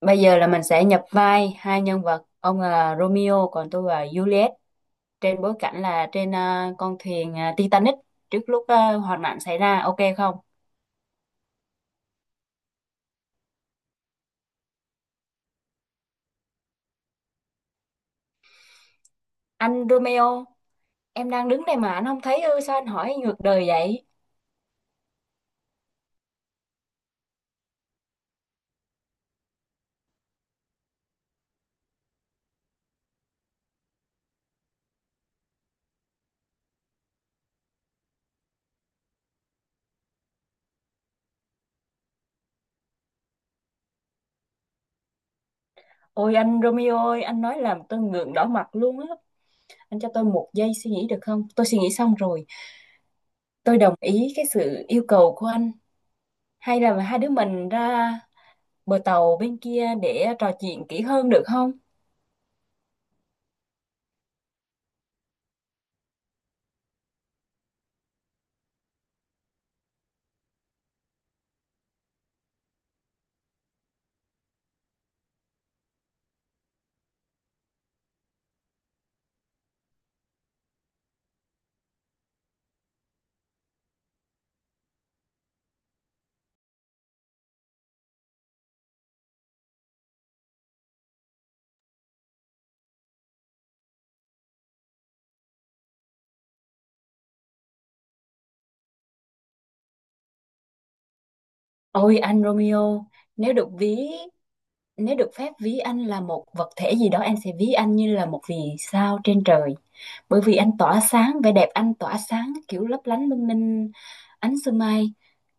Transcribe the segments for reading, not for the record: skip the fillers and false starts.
Bây giờ là mình sẽ nhập vai hai nhân vật, ông là Romeo còn tôi là Juliet, trên bối cảnh là trên con thuyền Titanic, trước lúc hoạn nạn xảy ra, ok không? Anh Romeo, em đang đứng đây mà anh không thấy ư, sao anh hỏi ngược đời vậy? Ôi anh Romeo ơi, anh nói làm tôi ngượng đỏ mặt luôn á. Anh cho tôi một giây suy nghĩ được không? Tôi suy nghĩ xong rồi, tôi đồng ý cái sự yêu cầu của anh. Hay là hai đứa mình ra bờ tàu bên kia để trò chuyện kỹ hơn được không? Ôi anh Romeo, nếu được ví nếu được phép ví anh là một vật thể gì đó, em sẽ ví anh như là một vì sao trên trời. Bởi vì anh tỏa sáng, vẻ đẹp anh tỏa sáng kiểu lấp lánh lung linh ánh sương mai,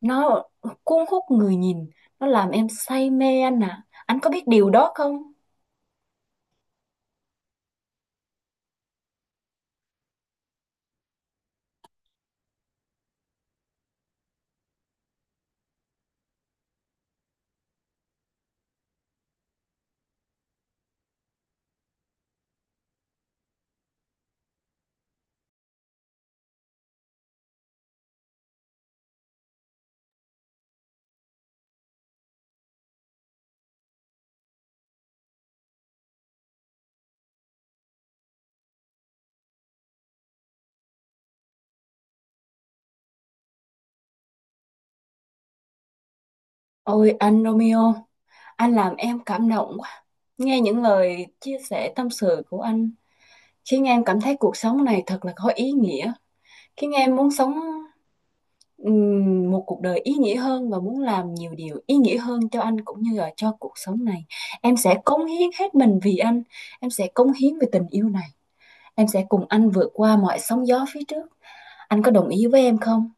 nó cuốn hút người nhìn, nó làm em say mê anh ạ. Anh có biết điều đó không? Ôi anh Romeo, anh làm em cảm động quá. Nghe những lời chia sẻ tâm sự của anh khiến em cảm thấy cuộc sống này thật là có ý nghĩa, khiến em muốn sống một cuộc đời ý nghĩa hơn và muốn làm nhiều điều ý nghĩa hơn cho anh cũng như là cho cuộc sống này. Em sẽ cống hiến hết mình vì anh, em sẽ cống hiến về tình yêu này, em sẽ cùng anh vượt qua mọi sóng gió phía trước. Anh có đồng ý với em không?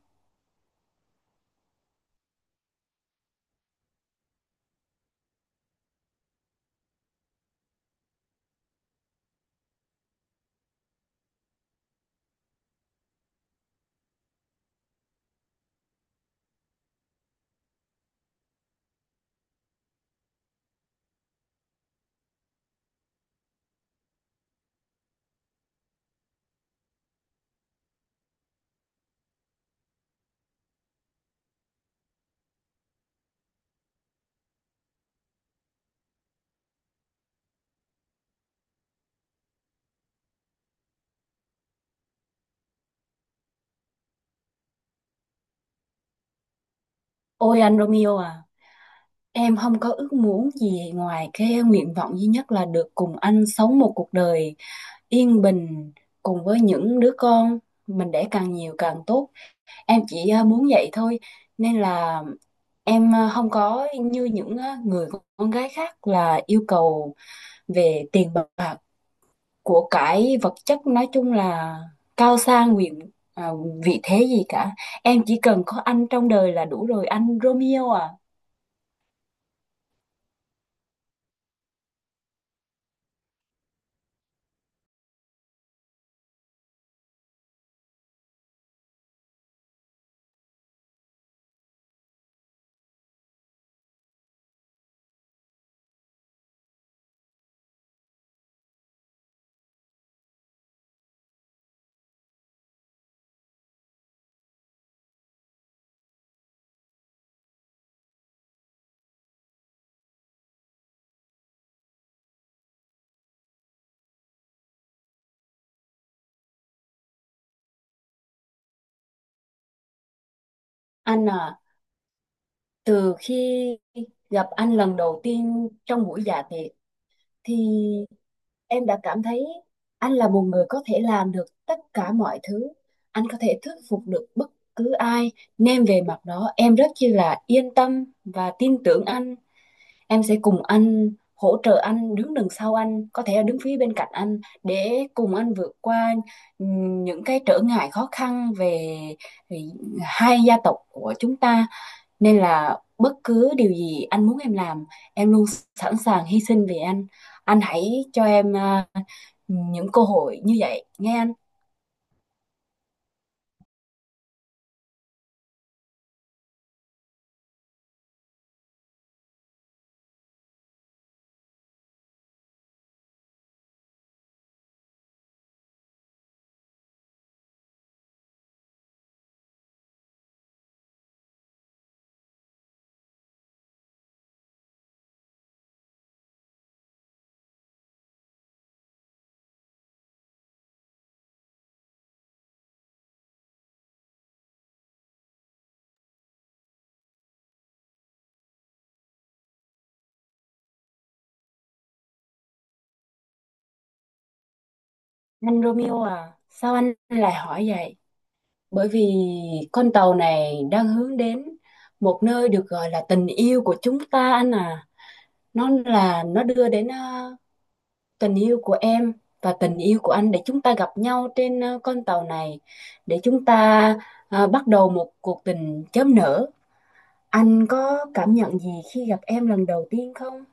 Ôi anh Romeo à, em không có ước muốn gì ngoài cái nguyện vọng duy nhất là được cùng anh sống một cuộc đời yên bình, cùng với những đứa con mình đẻ càng nhiều càng tốt. Em chỉ muốn vậy thôi, nên là em không có như những người con gái khác là yêu cầu về tiền bạc, của cải vật chất, nói chung là cao sang quyền ờ, vị thế gì cả. Em chỉ cần có anh trong đời là đủ rồi, anh Romeo à. Anh à, từ khi gặp anh lần đầu tiên trong buổi dạ tiệc thì em đã cảm thấy anh là một người có thể làm được tất cả mọi thứ, anh có thể thuyết phục được bất cứ ai, nên về mặt đó em rất chi là yên tâm và tin tưởng anh. Em sẽ cùng anh, hỗ trợ anh, đứng đằng sau anh, có thể là đứng phía bên cạnh anh, để cùng anh vượt qua những cái trở ngại khó khăn về hai gia tộc của chúng ta. Nên là bất cứ điều gì anh muốn em làm, em luôn sẵn sàng hy sinh vì anh. Anh hãy cho em những cơ hội như vậy, nghe anh. Anh Romeo à, sao anh lại hỏi vậy? Bởi vì con tàu này đang hướng đến một nơi được gọi là tình yêu của chúng ta, anh à. Nó đưa đến tình yêu của em và tình yêu của anh, để chúng ta gặp nhau trên con tàu này, để chúng ta bắt đầu một cuộc tình chớm nở. Anh có cảm nhận gì khi gặp em lần đầu tiên không?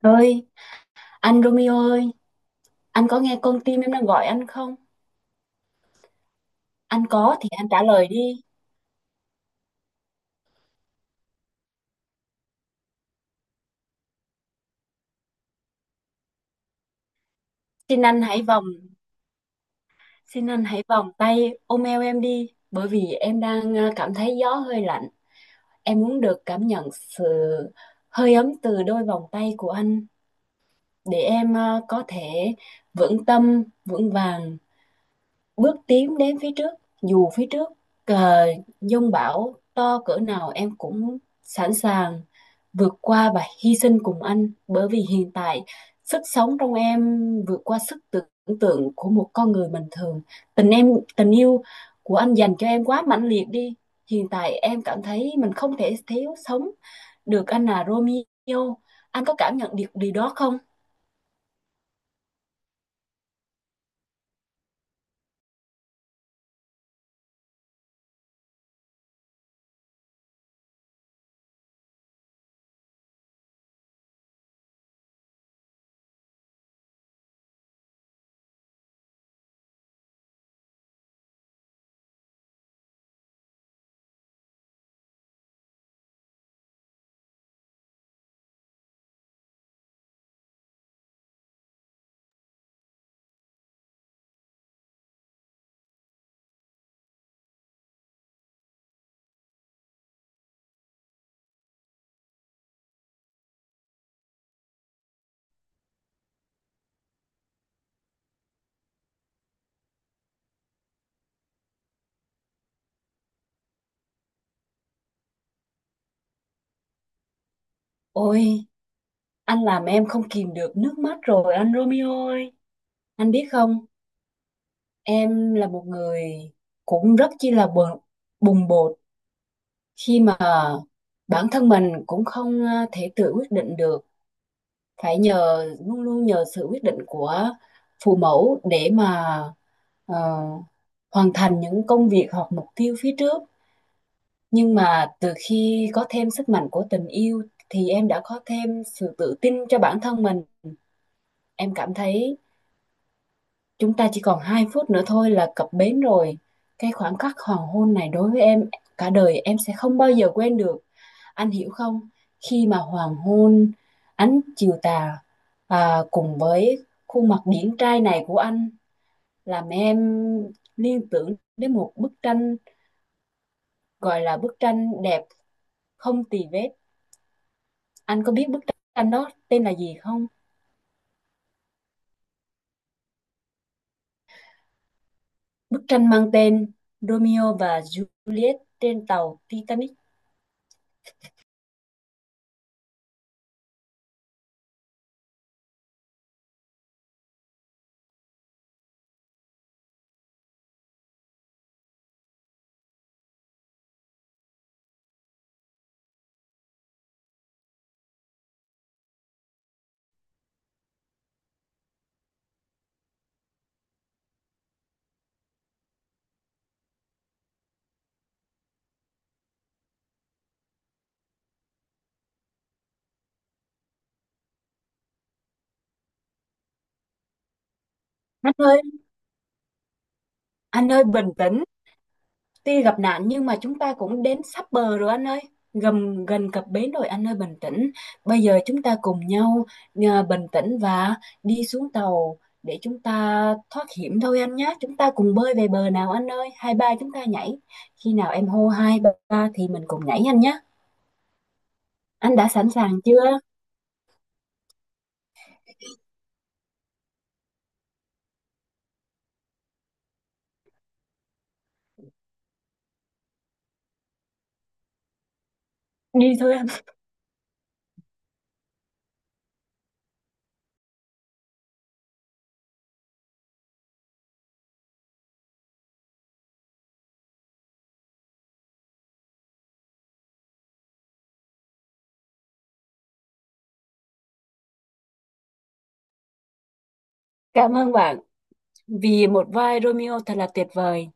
Ơi, anh Romeo ơi, anh có nghe con tim em đang gọi anh không? Anh có thì anh trả lời đi. Xin anh hãy vòng, Xin anh hãy vòng tay ôm eo em đi, bởi vì em đang cảm thấy gió hơi lạnh. Em muốn được cảm nhận sự hơi ấm từ đôi vòng tay của anh, để em có thể vững tâm, vững vàng bước tiến đến phía trước. Dù phía trước ờ, dông bão to cỡ nào em cũng sẵn sàng vượt qua và hy sinh cùng anh, bởi vì hiện tại sức sống trong em vượt qua sức tưởng tượng của một con người bình thường. tình em Tình yêu của anh dành cho em quá mãnh liệt đi. Hiện tại em cảm thấy mình không thể thiếu sống được anh, là Romeo. Anh có cảm nhận được điều đó không? Ôi, anh làm em không kìm được nước mắt rồi, anh Romeo ơi. Anh biết không, em là một người cũng rất chi là bùng bột, khi mà bản thân mình cũng không thể tự quyết định được, phải nhờ, luôn luôn nhờ sự quyết định của phụ mẫu để mà ờ, hoàn thành những công việc hoặc mục tiêu phía trước. Nhưng mà từ khi có thêm sức mạnh của tình yêu thì em đã có thêm sự tự tin cho bản thân mình. Em cảm thấy chúng ta chỉ còn 2 phút nữa thôi là cập bến rồi. Cái khoảnh khắc hoàng hôn này đối với em, cả đời em sẽ không bao giờ quên được. Anh hiểu không? Khi mà hoàng hôn, ánh chiều tà cùng với khuôn mặt điển trai này của anh làm em liên tưởng đến một bức tranh, gọi là bức tranh đẹp không tì vết. Anh có biết bức tranh đó tên là gì không? Bức tranh mang tên Romeo và Juliet trên tàu Titanic. Anh ơi, anh ơi bình tĩnh. Tuy gặp nạn nhưng mà chúng ta cũng đến sắp bờ rồi anh ơi. Gần gần cập bến rồi anh ơi, bình tĩnh. Bây giờ chúng ta cùng nhau bình tĩnh và đi xuống tàu để chúng ta thoát hiểm thôi anh nhé. Chúng ta cùng bơi về bờ nào anh ơi. Hai ba chúng ta nhảy. Khi nào em hô hai ba thì mình cùng nhảy anh nhé. Anh đã sẵn sàng chưa? Đi thôi anh. Cảm ơn bạn vì một vai Romeo thật là tuyệt vời.